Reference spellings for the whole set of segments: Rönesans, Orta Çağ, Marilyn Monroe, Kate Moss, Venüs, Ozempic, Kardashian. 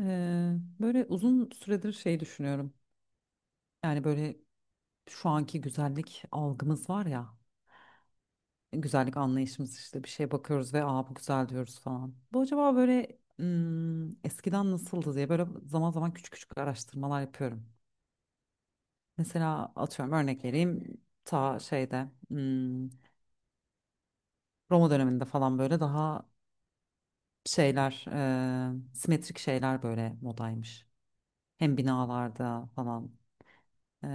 Ee, böyle uzun süredir şey düşünüyorum. Yani böyle şu anki güzellik algımız var ya, güzellik anlayışımız işte bir şeye bakıyoruz ve aa bu güzel diyoruz falan. Bu acaba böyle eskiden nasıldı diye böyle zaman zaman küçük küçük araştırmalar yapıyorum. Mesela atıyorum örnek vereyim ta şeyde Roma döneminde falan böyle daha şeyler simetrik şeyler böyle modaymış. Hem binalarda falan e,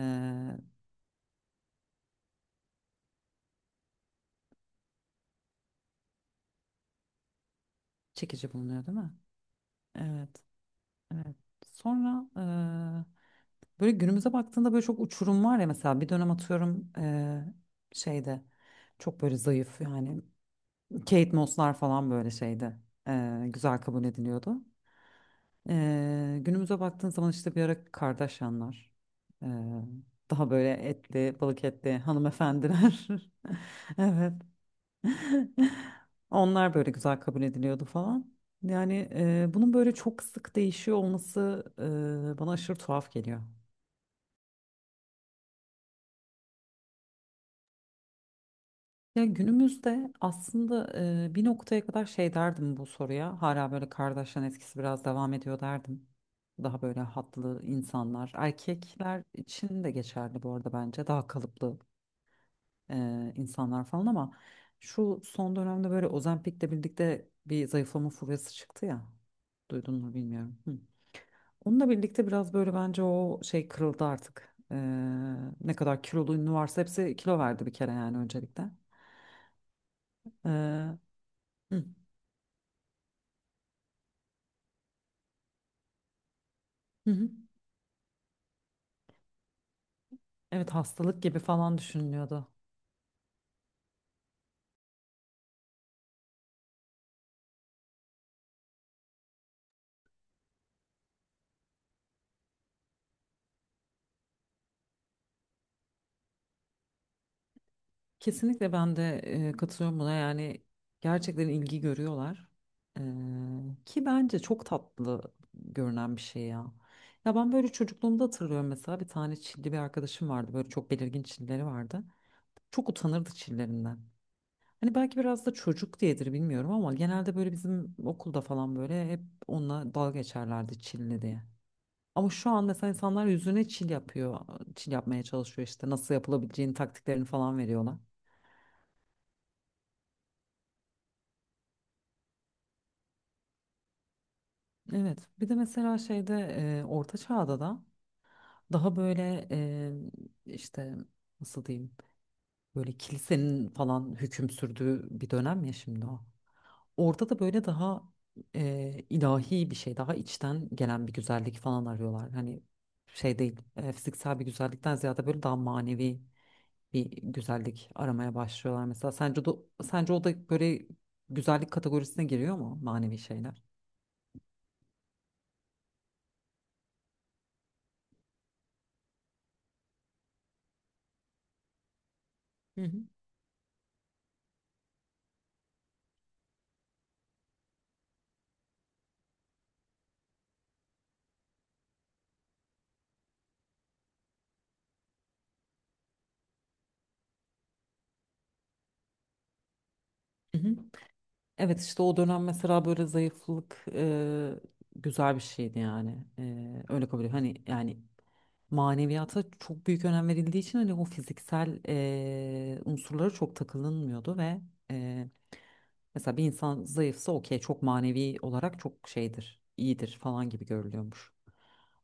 çekici bulunuyor değil mi? Evet. Evet. Sonra böyle günümüze baktığında böyle çok uçurum var ya, mesela bir dönem atıyorum şeyde çok böyle zayıf yani Kate Moss'lar falan böyle şeyde güzel kabul ediliyordu. Günümüze baktığın zaman işte bir ara Kardashian'lar e, daha böyle etli balık etli hanımefendiler, evet. Onlar böyle güzel kabul ediliyordu falan. Yani bunun böyle çok sık değişiyor olması bana aşırı tuhaf geliyor. Ya günümüzde aslında bir noktaya kadar şey derdim bu soruya. Hala böyle kardeşlerin etkisi biraz devam ediyor derdim. Daha böyle hatlı insanlar, erkekler için de geçerli bu arada bence. Daha kalıplı insanlar falan ama şu son dönemde böyle Ozempic'le birlikte bir zayıflama furyası çıktı ya. Duydun mu bilmiyorum. Hı. Onunla birlikte biraz böyle bence o şey kırıldı artık. Ne kadar kilolu ünlü varsa hepsi kilo verdi bir kere yani öncelikle. Ee, hı, hı hı. Evet, hastalık gibi falan düşünülüyordu. Kesinlikle ben de katılıyorum buna yani gerçekten ilgi görüyorlar. Ee, Ki bence çok tatlı görünen bir şey ya. Ya ben böyle çocukluğumda hatırlıyorum, mesela bir tane çilli bir arkadaşım vardı, böyle çok belirgin çilleri vardı. Çok utanırdı çillerinden. Hani belki biraz da çocuk diyedir bilmiyorum ama genelde böyle bizim okulda falan böyle hep onunla dalga geçerlerdi çilli diye. Ama şu an mesela insanlar yüzüne çil yapıyor. Çil yapmaya çalışıyor, işte nasıl yapılabileceğini, taktiklerini falan veriyorlar. Evet, bir de mesela şeyde Orta Çağ'da da daha böyle işte nasıl diyeyim, böyle kilisenin falan hüküm sürdüğü bir dönem ya şimdi o. Orada da böyle daha ilahi bir şey, daha içten gelen bir güzellik falan arıyorlar. Hani şey değil, fiziksel bir güzellikten ziyade böyle daha manevi bir güzellik aramaya başlıyorlar mesela. Sence de, sence o da böyle güzellik kategorisine giriyor mu manevi şeyler? Hı hı. Hı hı. Evet işte o dönem mesela böyle zayıflık güzel bir şeydi yani. E, öyle kabul ediyorum. Hani yani maneviyata çok büyük önem verildiği için hani o fiziksel unsurlara çok takılınmıyordu ve eee, mesela bir insan zayıfsa okey çok manevi olarak çok şeydir, iyidir falan gibi görülüyormuş.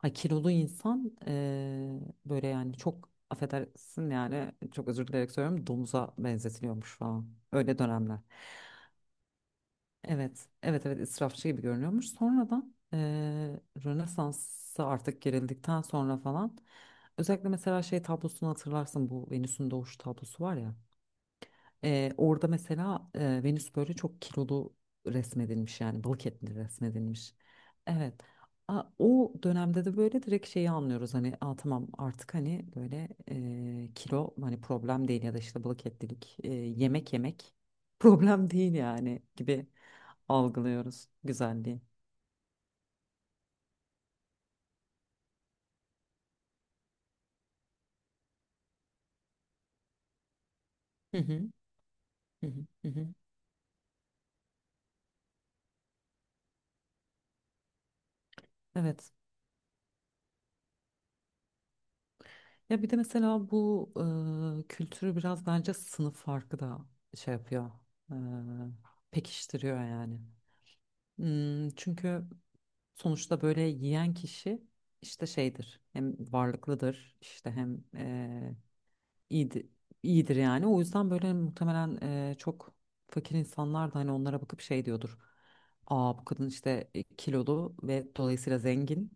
Ay kilolu insan böyle yani çok affedersin yani çok özür dileyerek söylüyorum domuza benzetiliyormuş falan. Öyle dönemler. Evet, evet, evet israfçı gibi görünüyormuş. Sonradan Rönesans'a artık girildikten sonra falan özellikle mesela şey tablosunu hatırlarsın bu Venüs'ün doğuşu tablosu var ya. Orada mesela Venüs böyle çok kilolu resmedilmiş yani balık etli resmedilmiş. Evet. O dönemde de böyle direkt şeyi anlıyoruz, hani aa, tamam, artık hani böyle kilo hani problem değil ya da işte balık etlilik yemek yemek problem değil yani gibi algılıyoruz güzelliği. Hı hı, hı hı, hı hı. Evet. Ya bir de mesela bu kültürü biraz bence sınıf farkı da şey yapıyor. e, Pekiştiriyor yani. Çünkü sonuçta böyle yiyen kişi işte şeydir. Hem varlıklıdır işte hem iyidir, iyidir yani. O yüzden böyle muhtemelen çok fakir insanlar da hani onlara bakıp şey diyordur. Aa, bu kadın işte kilolu ve dolayısıyla zengin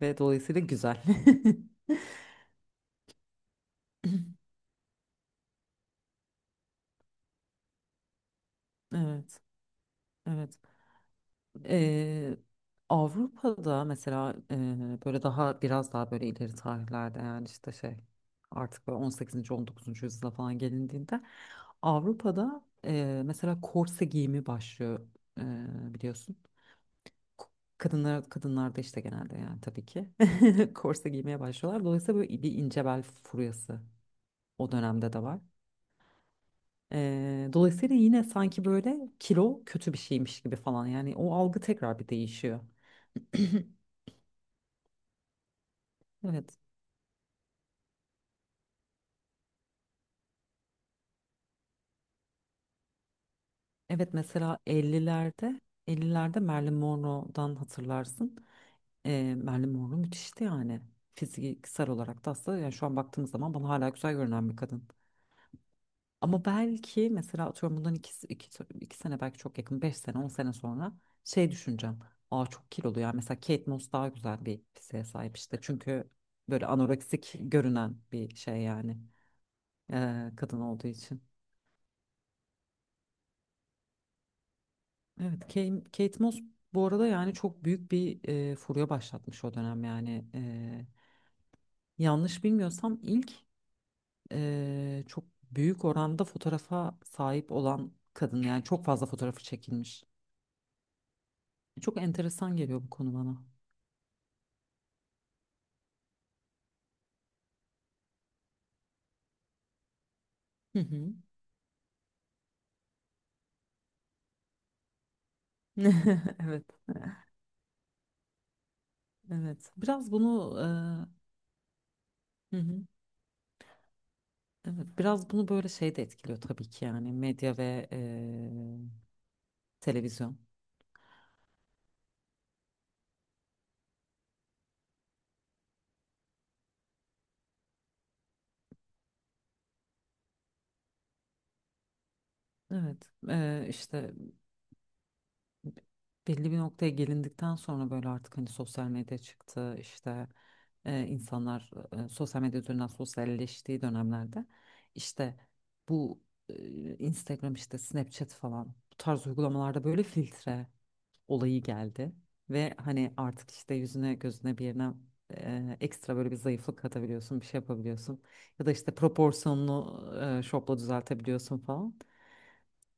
ve dolayısıyla güzel. Evet, evet. Ee, Avrupa'da mesela böyle daha biraz daha böyle ileri tarihlerde, yani işte şey, artık böyle 18. 19. yüzyıla falan gelindiğinde Avrupa'da mesela korse giyimi başlıyor, biliyorsun. K- kadınlarda işte genelde yani tabii ki korse giymeye başlıyorlar. Dolayısıyla böyle bir ince bel furyası o dönemde de var. Dolayısıyla yine sanki böyle kilo kötü bir şeymiş gibi falan yani o algı tekrar bir değişiyor. Evet. Evet, mesela 50'lerde Marilyn Monroe'dan hatırlarsın. Marilyn Monroe müthişti yani. Fiziksel olarak da aslında yani şu an baktığımız zaman bana hala güzel görünen bir kadın. Ama belki mesela atıyorum bundan iki sene, belki çok yakın, 5 sene 10 sene sonra şey düşüneceğim. Aa çok kilolu ya, mesela Kate Moss daha güzel bir fiziğe sahip işte, çünkü böyle anoreksik görünen bir şey yani, kadın olduğu için. Evet, Kate Moss bu arada yani çok büyük bir furya başlatmış o dönem yani. Yanlış bilmiyorsam ilk çok büyük oranda fotoğrafa sahip olan kadın, yani çok fazla fotoğrafı çekilmiş. Çok enteresan geliyor bu konu bana. Hı hı. Evet, evet. Biraz bunu hı hı. Evet, biraz bunu böyle şey de etkiliyor tabii ki yani, medya ve televizyon. Evet, işte belli bir noktaya gelindikten sonra böyle artık hani sosyal medya çıktı, işte insanlar sosyal medya üzerinden sosyalleştiği dönemlerde işte bu Instagram işte Snapchat falan, bu tarz uygulamalarda böyle filtre olayı geldi ve hani artık işte yüzüne gözüne bir yerine ekstra böyle bir zayıflık katabiliyorsun, bir şey yapabiliyorsun, ya da işte proporsiyonunu şopla düzeltebiliyorsun falan.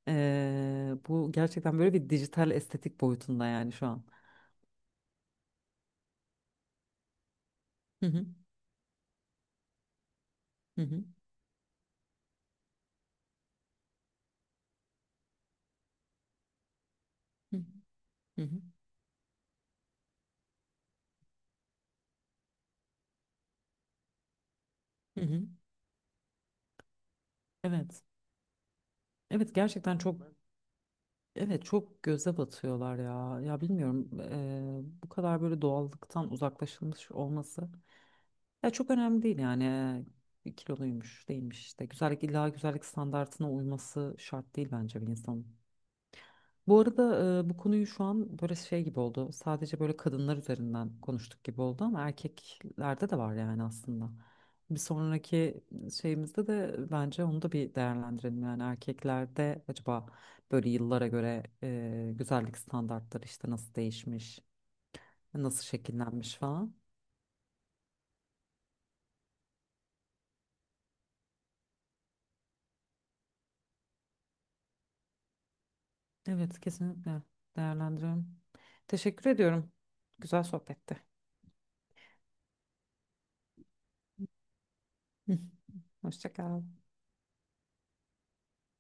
Bu gerçekten böyle bir dijital estetik boyutunda yani şu an. Hı hı, hı hı, hı hı, hı hı. Evet. Evet, gerçekten çok, evet, çok göze batıyorlar ya. Ya bilmiyorum, bu kadar böyle doğallıktan uzaklaşılmış olması. Ya çok önemli değil yani. Kiloluymuş, değilmiş işte. Güzellik, illa güzellik standartına uyması şart değil bence bir insanın. Bu arada bu konuyu şu an böyle şey gibi oldu. Sadece böyle kadınlar üzerinden konuştuk gibi oldu, ama erkeklerde de var yani aslında. Bir sonraki şeyimizde de bence onu da bir değerlendirelim. Yani erkeklerde acaba böyle yıllara göre güzellik standartları işte nasıl değişmiş, nasıl şekillenmiş falan. Evet, kesinlikle değerlendiriyorum. Teşekkür ediyorum. Güzel sohbetti. Hoşça kal.